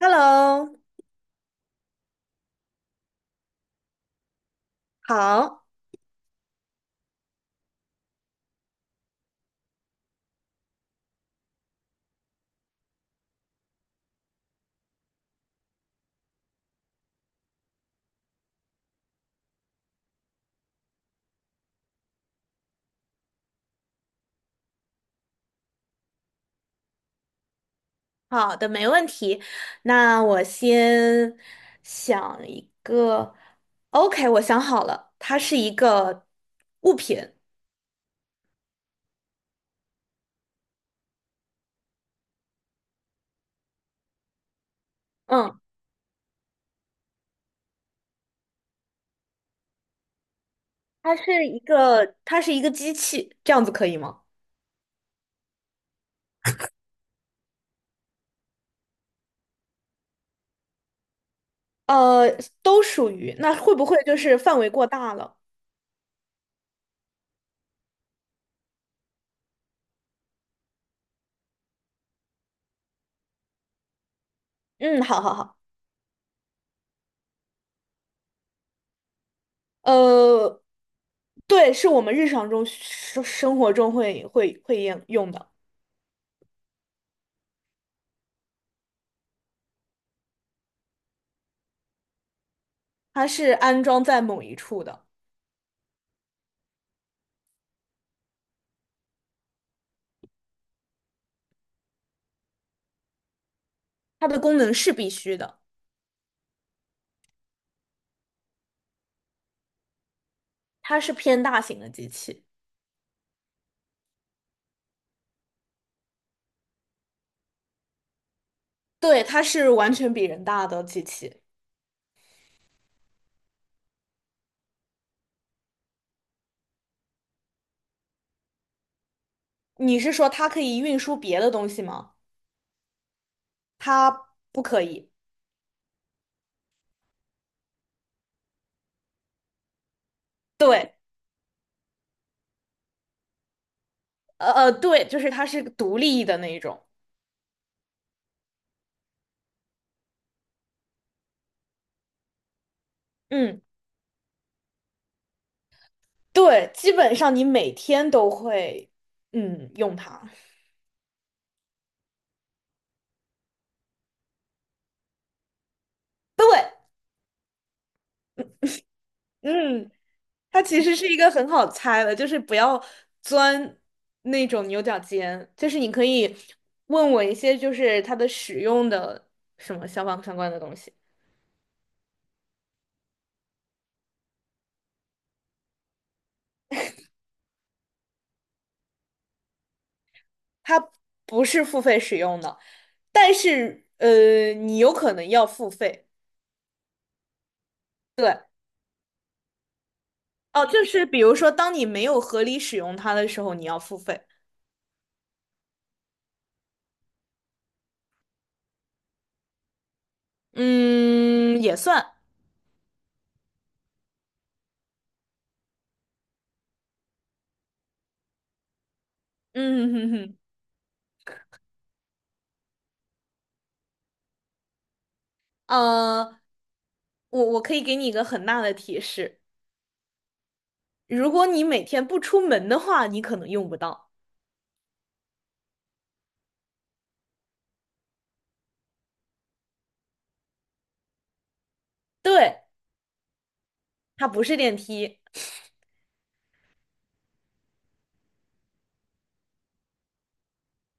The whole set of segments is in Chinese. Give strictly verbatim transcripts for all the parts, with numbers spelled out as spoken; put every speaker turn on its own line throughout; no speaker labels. Hello，好好的，没问题。那我先想一个，OK，我想好了，它是一个物品。嗯，它是一个，它是一个机器，这样子可以吗？呃，都属于，那会不会就是范围过大了？嗯，好好好。呃，对，是我们日常中生生活中会会会用用的，它是安装在某一处的，它的功能是必须的。它是偏大型的机器，对，它是完全比人大的机器。你是说它可以运输别的东西吗？它不可以。对，呃呃，对，就是它是独立的那一种。嗯，对，基本上你每天都会，嗯，用它。对，嗯，它其实是一个很好猜的，就是不要钻那种牛角尖，就是你可以问我一些就是它的使用的什么消防相关的东西。它不是付费使用的，但是呃，你有可能要付费。对，哦，就是比如说，当你没有合理使用它的时候，你要付费。嗯，也算。嗯哼哼，呃，我我可以给你一个很大的提示，如果你每天不出门的话，你可能用不到。对，它不是电梯，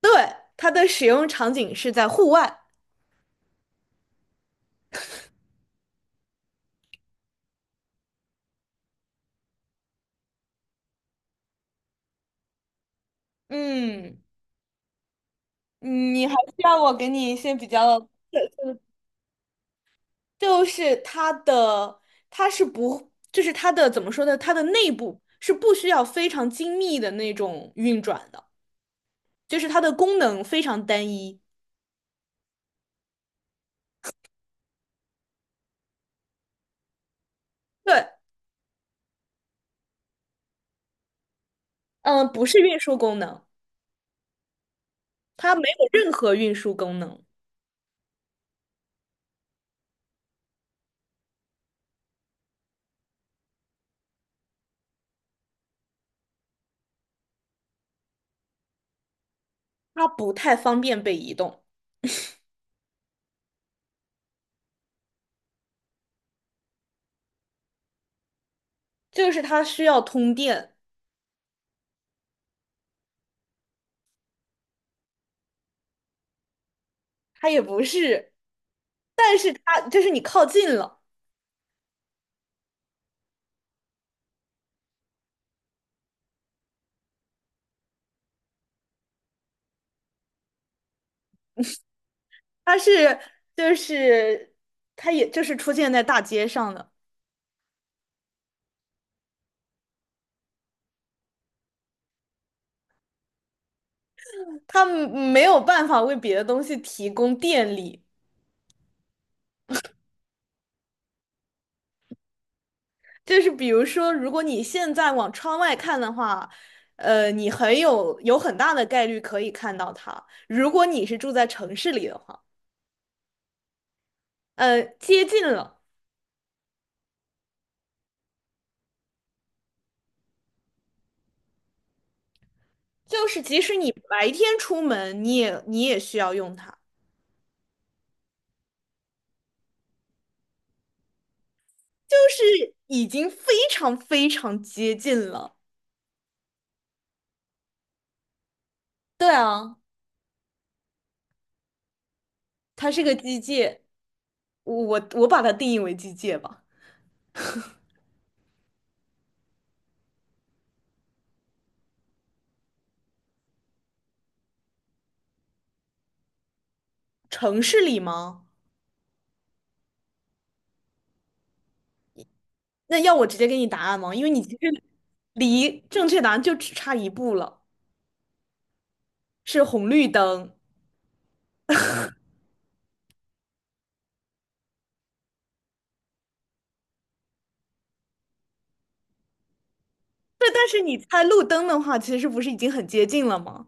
对，它的使用场景是在户外。嗯，你还需要我给你一些比较。就是它的，它是不，就是它的怎么说呢？它的内部是不需要非常精密的那种运转的，就是它的功能非常单一。对，嗯，不是运输功能，它没有任何运输功能，它不太方便被移动，就是它需要通电，它也不是，是它就是你靠近了，它是就是它也就是出现在大街上的，它没有办法为别的东西提供电力。就是比如说，如果你现在往窗外看的话，呃，你很有有很大的概率可以看到它。如果你是住在城市里的话，呃，接近了，就是即使你白天出门，你也你也需要用它，就是已经非常非常接近了。对啊，它是个机械，我我我把它定义为机械吧。城市里吗？那要我直接给你答案吗？因为你其实离正确答案就只差一步了。是红绿灯。对，但是你猜路灯的话，其实不是已经很接近了吗？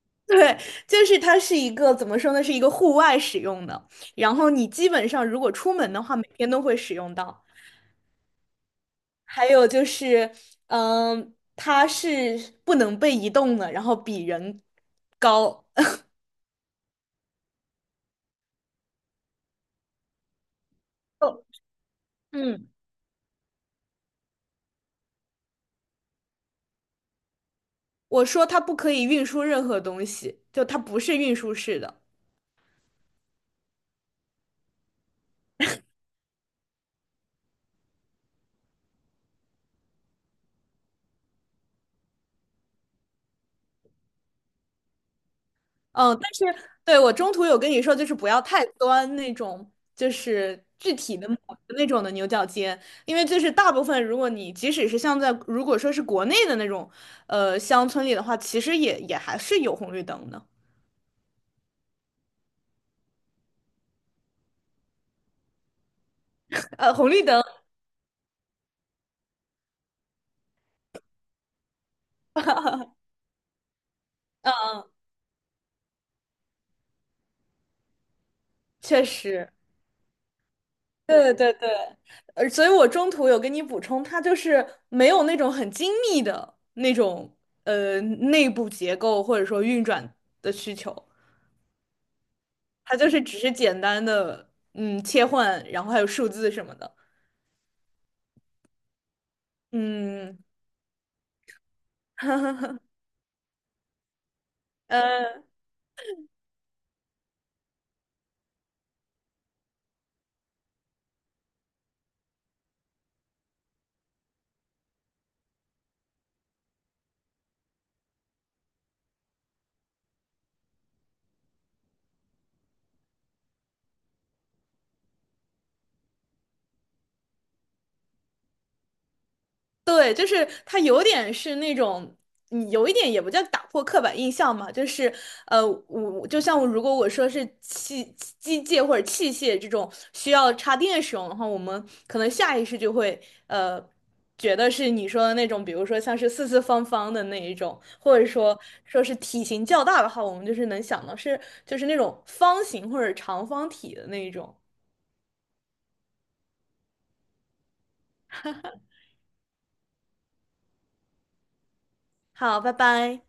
对，就是它是一个怎么说呢，是一个户外使用的。然后你基本上如果出门的话，每天都会使用到。还有就是，嗯，它是不能被移动的，然后比人高。嗯，我说它不可以运输任何东西，就它不是运输式的。嗯，但是对我中途有跟你说，就是不要太钻那种，就是具体的某个那种的牛角尖，因为就是大部分，如果你即使是像在如果说是国内的那种，呃，乡村里的话，其实也也还是有红绿灯的，呃，红绿灯，嗯，嗯确实，对对对，呃，所以我中途有跟你补充，它就是没有那种很精密的那种，呃，内部结构或者说运转的需求。它就是只是简单的嗯切换，然后还有数字什么的。嗯，呃，对，就是它有点是那种，嗯有一点也不叫打破刻板印象嘛，就是呃，我就像我如果我说是器机械或者器械这种需要插电使用的话，我们可能下意识就会呃觉得是你说的那种，比如说像是四四方方的那一种，或者说说是体型较大的话，我们就是能想到是就是那种方形或者长方体的那一种。好，拜拜。